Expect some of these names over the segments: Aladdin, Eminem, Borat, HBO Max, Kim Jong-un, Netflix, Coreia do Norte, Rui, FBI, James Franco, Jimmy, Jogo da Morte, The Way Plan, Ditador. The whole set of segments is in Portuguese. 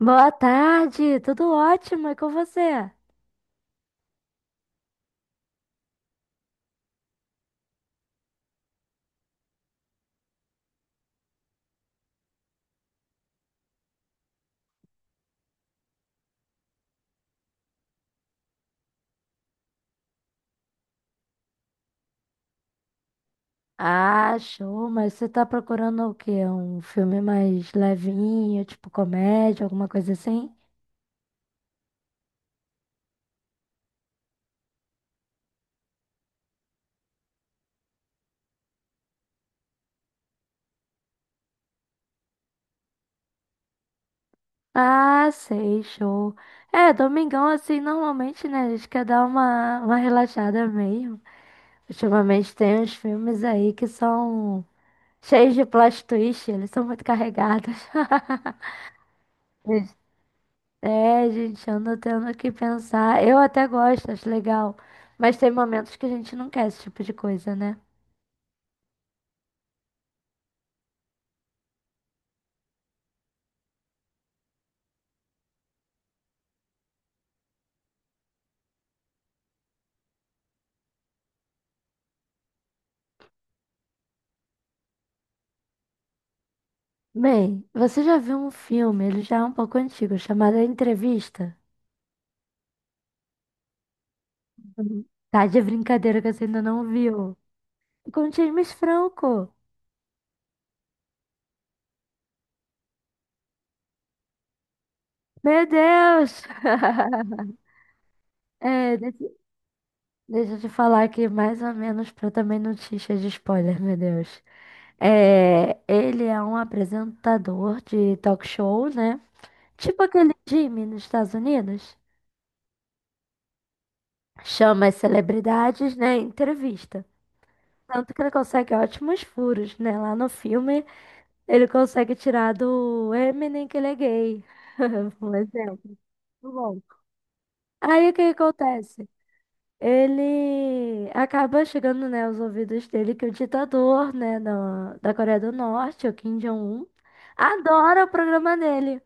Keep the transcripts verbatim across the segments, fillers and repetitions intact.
Boa tarde, tudo ótimo, e com você? Ah, show, mas você tá procurando o quê? Um filme mais levinho, tipo comédia, alguma coisa assim? Ah, sei, show. É, domingão assim, normalmente, né, a gente quer dar uma, uma relaxada mesmo. Ultimamente tem uns filmes aí que são cheios de plot twist, eles são muito carregados. É, gente, ando tendo que pensar. Eu até gosto, acho legal. Mas tem momentos que a gente não quer esse tipo de coisa, né? Bem, você já viu um filme, ele já é um pouco antigo, chamado A Entrevista? Uhum. Tá de brincadeira que você ainda não viu. Com o James Franco. Meu Deus! É, deixa, deixa eu te falar aqui mais ou menos pra eu também não te encher de spoiler, meu Deus. É, ele é um apresentador de talk show, né? Tipo aquele Jimmy nos Estados Unidos. Chama as celebridades, né? em Entrevista. Tanto que ele consegue ótimos furos, né? Lá no filme, ele consegue tirar do Eminem que ele é gay. Um exemplo. Muito bom. Aí o que acontece? Ele acaba chegando, né, aos ouvidos dele que o ditador, né, da, da Coreia do Norte, o Kim Jong-un, adora o programa dele.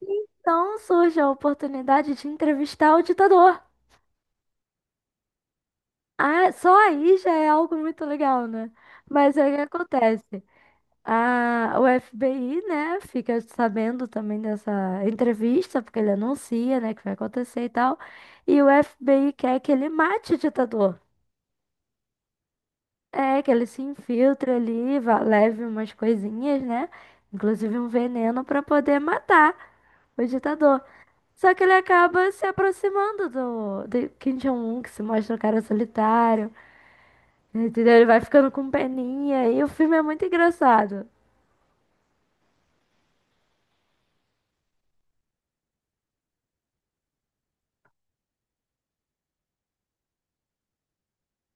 Então surge a oportunidade de entrevistar o ditador. Ah, só aí já é algo muito legal, né? Mas aí o que acontece? A, o F B I, né, fica sabendo também dessa entrevista, porque ele anuncia, né, que vai acontecer e tal. E o F B I quer que ele mate o ditador. É, que ele se infiltre ali, vá- leve umas coisinhas, né? Inclusive um veneno para poder matar o ditador. Só que ele acaba se aproximando do, do Kim Jong-un, que se mostra um cara solitário. Entendeu? Ele vai ficando com peninha e o filme é muito engraçado.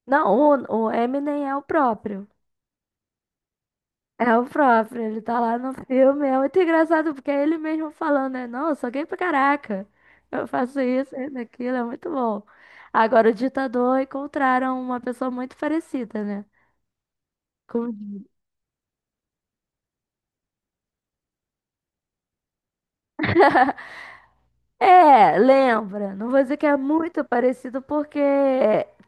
Não, o, o Eminem é o próprio. É o próprio, ele tá lá no filme. É muito engraçado porque é ele mesmo falando, né? Não, eu sou gay pra caraca. Eu faço isso, isso, aquilo, é muito bom. Agora, o ditador encontraram uma pessoa muito parecida, né? Com é, lembra. Não vou dizer que é muito parecido, porque,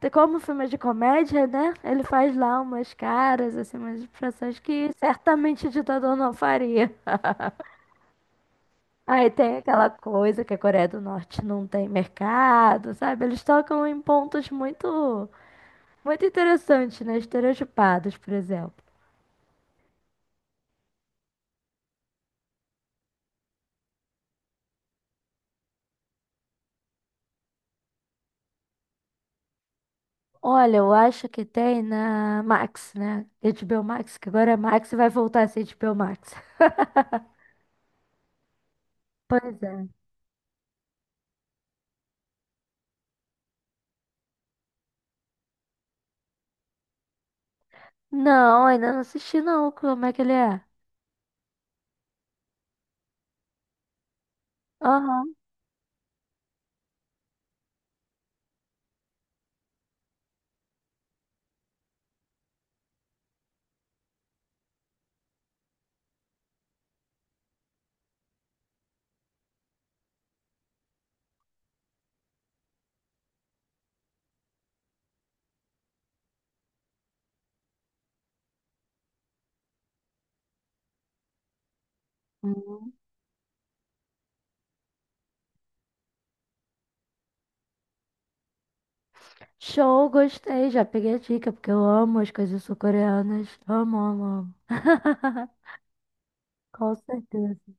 te- como o filme é de comédia, né? Ele faz lá umas caras, assim, umas expressões que certamente o ditador não faria. Aí tem aquela coisa que a Coreia do Norte não tem mercado, sabe? Eles tocam em pontos muito, muito interessantes, né? Estereotipados, por exemplo. Olha, eu acho que tem na Max, né? H B O Max, que agora é Max e vai voltar a ser H B o Max. Pois é. Não, ainda não assisti não. Como é que ele é? Aham. Hum. Show, gostei. Já peguei a dica, porque eu amo as coisas sul-coreanas. Amo, amo, amo. Com certeza.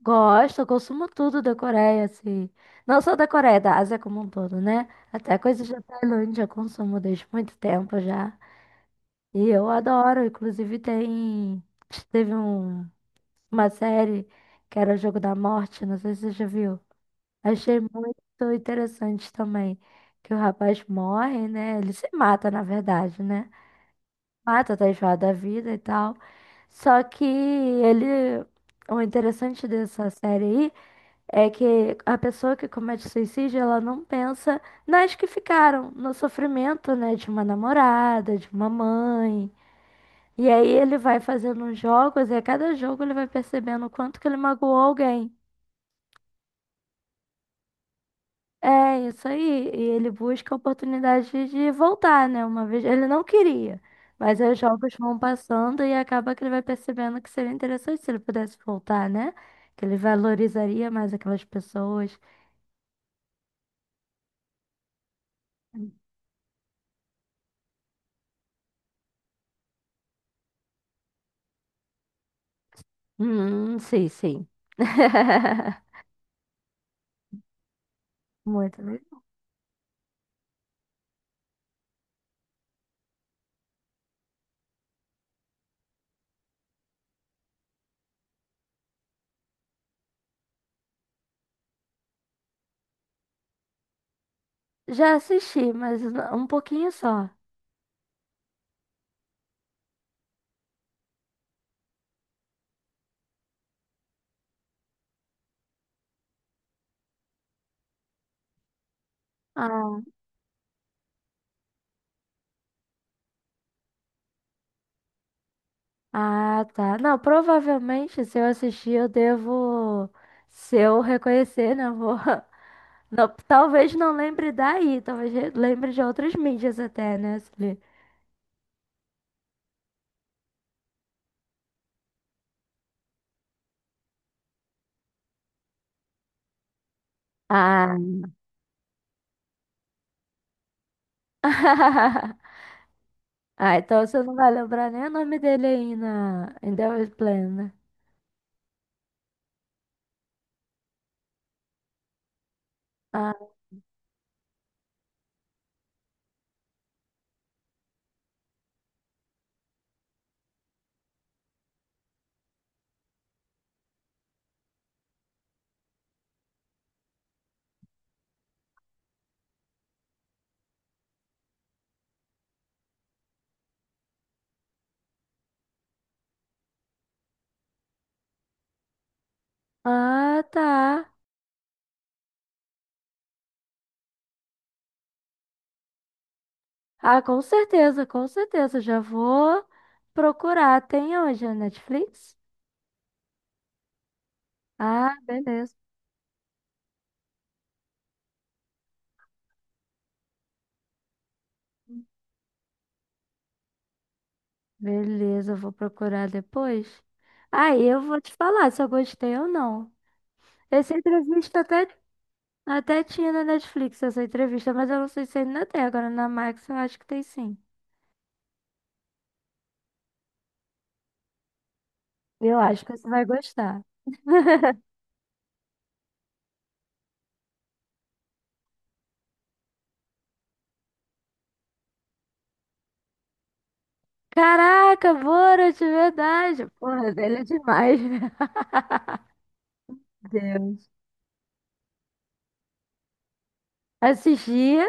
Gosto, eu consumo tudo da Coreia, assim. Não só da Coreia, da Ásia como um todo, né? Até coisas da Tailândia eu consumo desde muito tempo já. E eu adoro. Inclusive, tem. Teve um... uma série que era o Jogo da Morte, não sei se você já viu. Achei muito interessante também que o rapaz morre, né? Ele se mata, na verdade, né? Mata, tá enjoado da vida e tal. Só que ele. O interessante dessa série aí é que a pessoa que comete suicídio, ela não pensa nas que ficaram, no sofrimento, né? De uma namorada, de uma mãe. E aí ele vai fazendo uns jogos e a cada jogo ele vai percebendo o quanto que ele magoou alguém. É isso aí. E ele busca a oportunidade de voltar, né? Uma vez ele não queria, mas aí os jogos vão passando e acaba que ele vai percebendo que seria interessante se ele pudesse voltar, né? Que ele valorizaria mais aquelas pessoas. Hum, sim, sim. Muito legal. Já assisti, mas n- um pouquinho só. Ah, ah, tá. Não, provavelmente se eu assistir eu devo, se eu reconhecer, né? Eu vou. Não, talvez não lembre daí, talvez re- lembre de outras mídias até, né? Celi? Ah. Ah, então você não vai lembrar nem o nome dele aí na em The Way Plan, né? Ah, ah, tá. Ah, com certeza, com certeza. Já vou procurar. Tem onde? Na Netflix? Ah, beleza. Beleza, eu vou procurar depois. Aí eu vou te falar se eu gostei ou não. Essa entrevista até. Até tinha na Netflix essa entrevista, mas eu não sei se ainda tem. Agora na Max eu acho que tem sim. Eu acho que você vai gostar. Caraca, Borat, verdade. Porra, dele é demais, meu Deus. Assistia,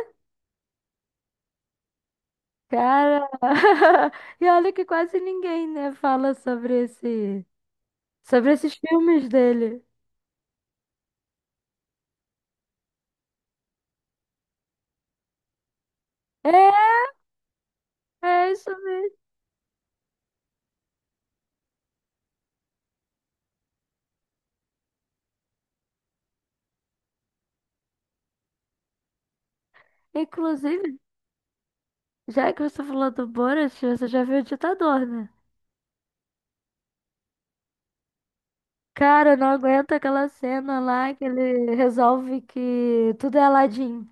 cara. E olha que quase ninguém, né, fala sobre esse, sobre esses filmes dele. É, é isso mesmo. Inclusive, já que você falou do Borat, você já viu o Ditador, né? Cara, eu não aguento aquela cena lá que ele resolve que tudo é Aladdin.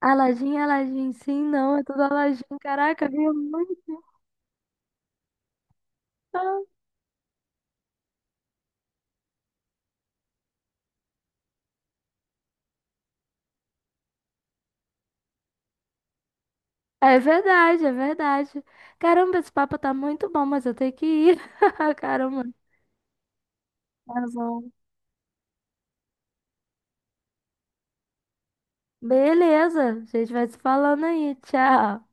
Aladdin, Aladdin, sim, não, é tudo Aladdin. Caraca, eu vi muito. É verdade, é verdade. Caramba, esse papo tá muito bom, mas eu tenho que ir. Caramba, tá bom. Beleza, a gente vai se falando aí. Tchau.